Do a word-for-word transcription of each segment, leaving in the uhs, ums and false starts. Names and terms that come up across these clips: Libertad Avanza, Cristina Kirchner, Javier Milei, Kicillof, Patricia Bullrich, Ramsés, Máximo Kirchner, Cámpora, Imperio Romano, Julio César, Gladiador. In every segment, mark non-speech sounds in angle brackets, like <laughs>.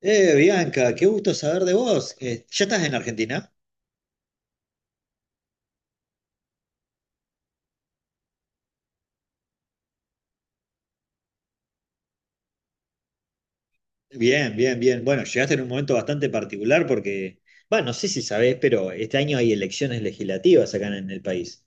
Eh, Bianca, qué gusto saber de vos. Eh, ¿ya estás en Argentina? Bien, bien, bien. Bueno, llegaste en un momento bastante particular porque, bueno, no sé si sabés, pero este año hay elecciones legislativas acá en el país.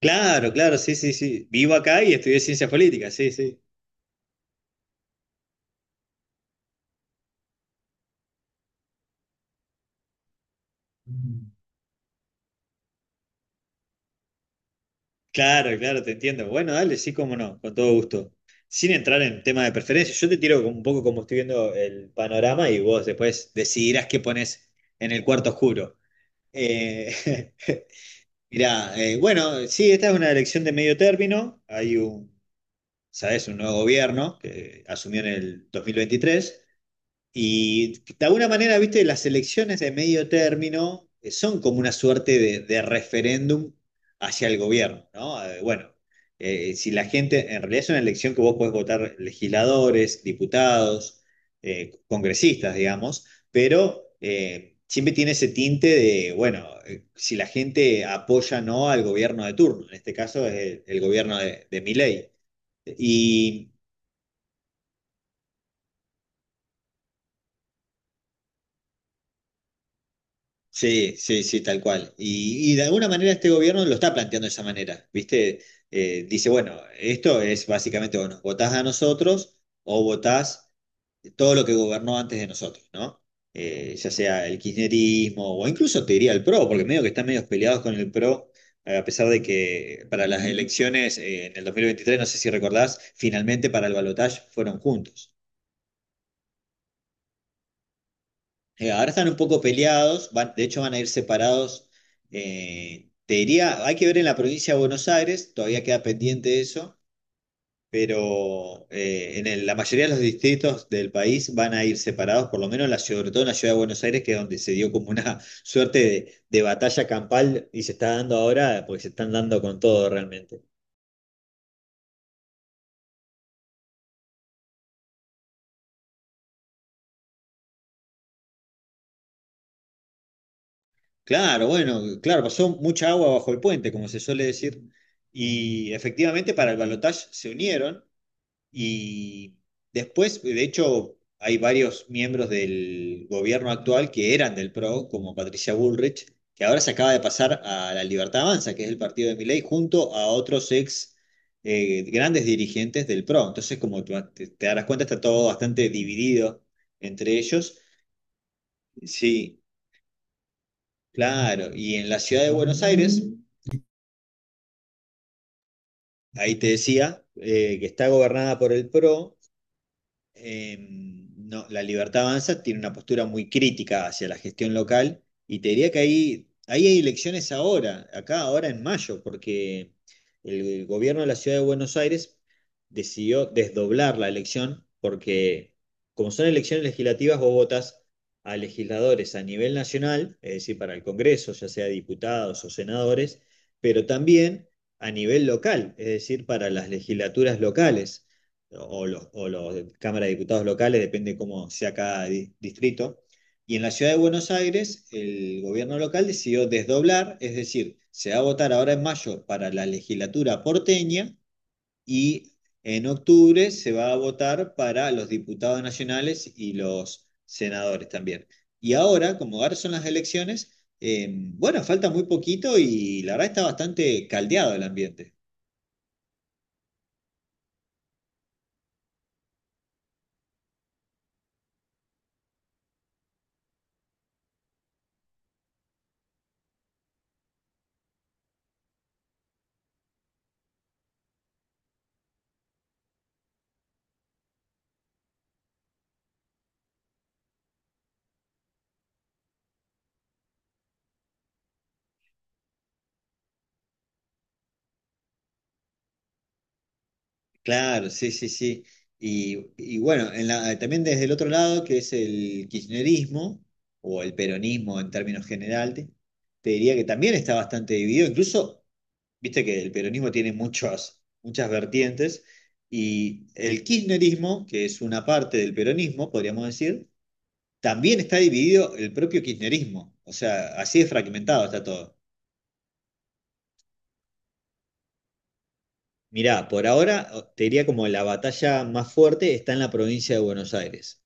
Claro, claro, sí, sí, sí. Vivo acá y estudié ciencias políticas, sí, sí. Mm. Claro, claro, te entiendo. Bueno, dale, sí, cómo no, con todo gusto. Sin entrar en tema de preferencia, yo te tiro como- un poco como estoy viendo el panorama y vos después decidirás qué pones en el cuarto oscuro. Eh, <laughs> Mirá, eh, bueno, sí, esta es una elección de medio término. Hay un, sabes, un nuevo gobierno que asumió en el dos mil veintitrés y de alguna manera, viste, las elecciones de medio término eh, son como una suerte de, de referéndum hacia el gobierno, ¿no? Eh, bueno, eh, si la gente, en realidad es una elección que vos podés votar legisladores, diputados, eh, congresistas, digamos, pero eh, siempre tiene ese tinte de, bueno, eh, si la gente apoya o no al gobierno de turno, en este caso es el, el gobierno de, de Milei. Y Sí, sí, sí, tal cual. Y, y de alguna manera este gobierno lo está planteando de esa manera, ¿viste? Eh, dice, bueno, esto es básicamente, bueno, votás a nosotros o votás todo lo que gobernó antes de nosotros, ¿no? Eh, ya sea el kirchnerismo o incluso te diría el PRO, porque medio que están medio peleados con el PRO, eh, a pesar de que para las elecciones eh, en el dos mil veintitrés no sé si recordás, finalmente para el balotaje fueron juntos. Eh, ahora están un poco peleados, van- de hecho van a ir separados. eh, te diría, hay que ver en la provincia de Buenos Aires, todavía queda pendiente eso, pero eh, en el- la mayoría de los distritos del país van a ir separados, por lo menos en la, ciudad- sobre todo en la ciudad de Buenos Aires, que es donde se dio como una <laughs> suerte de, de batalla campal y se está dando ahora, porque se están dando con todo realmente. Claro, bueno, claro, pasó mucha agua bajo el puente, como se suele decir, y efectivamente para el balotaje se unieron. Y después, de hecho, hay varios miembros del gobierno actual que eran del PRO, como Patricia Bullrich, que ahora se acaba de pasar a la Libertad Avanza, que es el partido de Milei, junto a otros ex eh, grandes dirigentes del PRO. Entonces, como tú te, te darás cuenta, está todo bastante dividido entre ellos. Sí, claro. Y en la ciudad de Buenos Aires, ahí te decía, eh, que está gobernada por el PRO eh, no, la Libertad Avanza tiene una postura muy crítica hacia la gestión local y te diría que ahí, ahí hay elecciones ahora, acá ahora en mayo, porque el gobierno de la ciudad de Buenos Aires decidió desdoblar la elección porque como son elecciones legislativas, vos votas a legisladores a nivel nacional, es decir, para el Congreso, ya sea diputados o senadores, pero también a nivel local, es decir, para las legislaturas locales o los, o los de Cámara de Diputados locales, depende cómo sea cada di- distrito. Y en la ciudad de Buenos Aires, el gobierno local decidió desdoblar, es decir, se va a votar ahora en mayo para la legislatura porteña y en octubre se va a votar para los diputados nacionales y los senadores también. Y ahora, como ahora son las elecciones, eh, bueno, falta muy poquito y la verdad está bastante caldeado el ambiente. Claro, sí, sí, sí. Y, y bueno, en la- también desde el otro lado, que es el kirchnerismo, o el peronismo en términos generales, te diría que también está bastante dividido. Incluso, viste que el peronismo tiene muchas, muchas vertientes, y el kirchnerismo, que es una parte del peronismo, podríamos decir, también está dividido el propio kirchnerismo. O sea, así de fragmentado está todo. Mirá, por ahora te diría como la batalla más fuerte está en la provincia de Buenos Aires,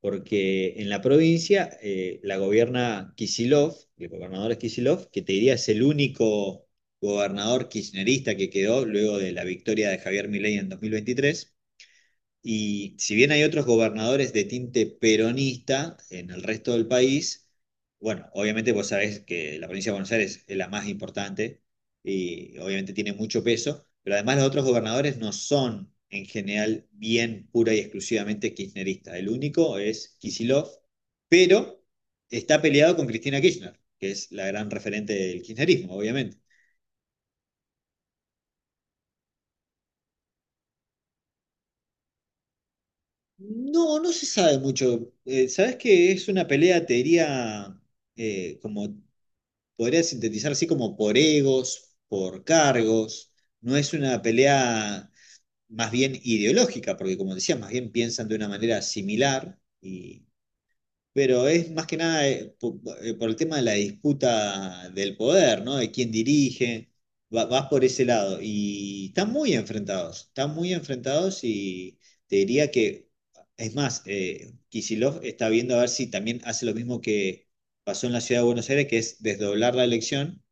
porque en la provincia eh, la gobierna Kicillof, el gobernador es Kicillof, que te diría es el único gobernador kirchnerista que quedó luego de la victoria de Javier Milei en dos mil veintitrés. Y si bien hay otros gobernadores de tinte peronista en el resto del país, bueno, obviamente vos sabés que la provincia de Buenos Aires es la más importante y obviamente tiene mucho peso, pero además los otros gobernadores no son en general bien pura y exclusivamente kirchnerista. El único es Kicillof, pero está peleado con Cristina Kirchner, que es la gran referente del kirchnerismo, obviamente. No, no se sabe mucho. Eh, ¿sabés que es una pelea, te diría, eh, como podría sintetizar así como por egos, por cargos. No es una pelea más bien ideológica, porque como decía, más bien piensan de una manera similar, y, pero es más que nada eh, por, eh, por el tema de la disputa del poder, ¿no? De quién dirige, va- vas por ese lado. Y están muy enfrentados, están muy enfrentados y te diría que, es más, eh, Kicillof está viendo a ver si también hace lo mismo que pasó en la ciudad de Buenos Aires, que es desdoblar la elección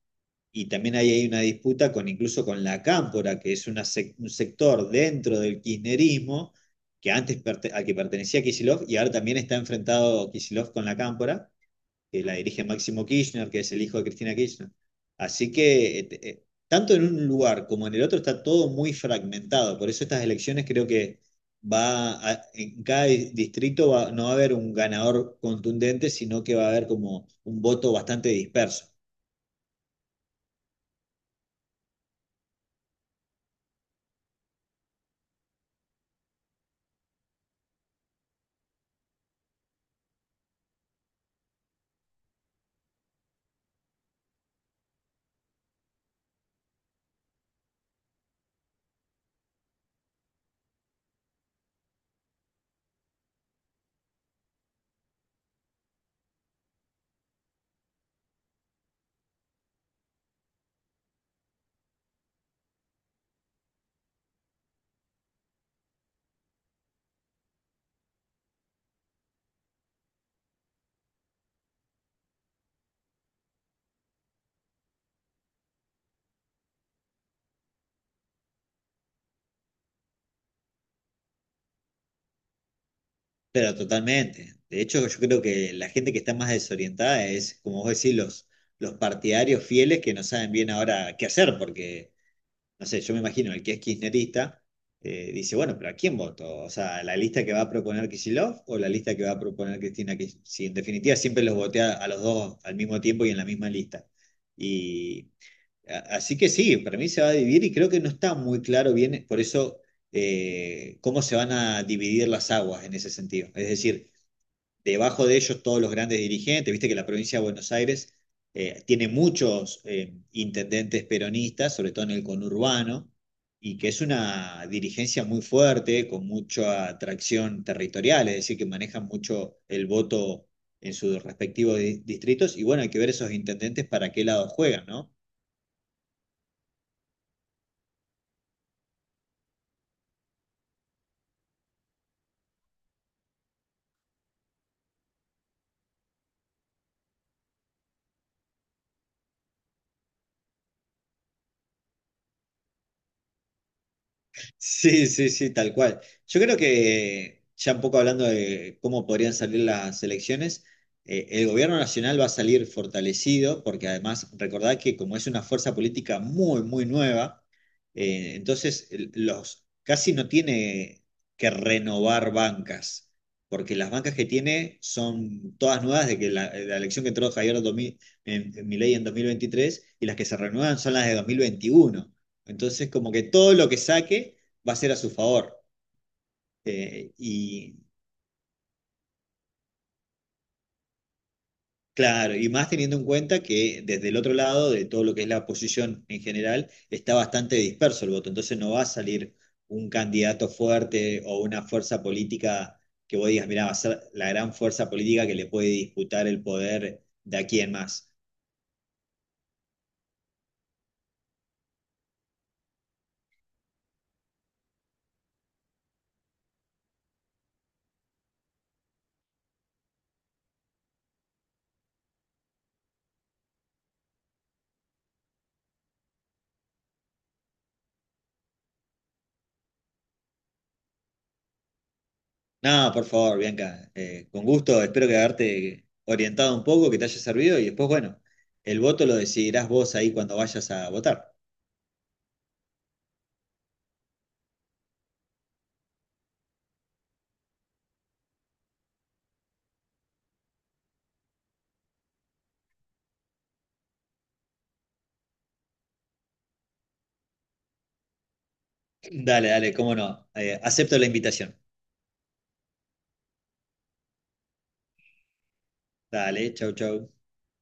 y también ahí hay una disputa con incluso con la Cámpora, que es una sec- un sector dentro del kirchnerismo que antes perte- al que pertenecía Kicillof y ahora también está enfrentado Kicillof con la Cámpora, que la dirige Máximo Kirchner, que es el hijo de Cristina Kirchner. Así que eh, eh, tanto en un lugar como en el otro está todo muy fragmentado. Por eso estas elecciones creo que va a- en cada di- distrito va- no va a haber un ganador contundente, sino que va a haber como un voto bastante disperso. Pero totalmente. De hecho, yo creo que la gente que está más desorientada es, como vos decís, los, los partidarios fieles que no saben bien ahora qué hacer, porque, no sé, yo me imagino, el que es kirchnerista eh, dice, bueno, pero ¿a quién voto? O sea, ¿la lista que va a proponer Kicillof o la lista que va a proponer Cristina Kirchner? Si en definitiva siempre los voté a, a los dos al mismo tiempo y en la misma lista. Y a- así que sí, para mí se va a dividir y creo que no está muy claro bien, por eso eh, cómo se van a dividir las aguas en ese sentido. Es decir, debajo de ellos todos los grandes dirigentes, viste que la provincia de Buenos Aires eh, tiene muchos eh, intendentes peronistas, sobre todo en el conurbano, y que es una dirigencia muy fuerte, con mucha atracción territorial, es decir, que manejan mucho el voto en sus respectivos di- distritos, y bueno, hay que ver esos intendentes para qué lado juegan, ¿no? Sí, sí, sí, tal cual. Yo creo que, ya un poco hablando de cómo podrían salir las elecciones, eh, el gobierno nacional va a salir fortalecido, porque además recordad que como es una fuerza política muy, muy nueva, eh, entonces el- los casi no tiene que renovar bancas, porque las bancas que tiene son todas nuevas de que la, de la elección que entró Javier dos mil en, en Milei en dos mil veintitrés y las que se renuevan son las de dos mil veintiuno. Entonces, como que todo lo que saque va a ser a su favor. Eh, y claro, y más teniendo en cuenta que desde el otro lado de todo lo que es la oposición en general, está bastante disperso el voto, entonces no va a salir un candidato fuerte o una fuerza política que vos digas, mira, va a ser la gran fuerza política que le puede disputar el poder de aquí en más. Nada por favor, Bianca, eh, con gusto, espero que haberte orientado un poco, que te haya servido y después, bueno, el voto lo decidirás vos ahí cuando vayas a votar. Dale, dale, cómo no. Eh, acepto la invitación. Dale, chau, chau.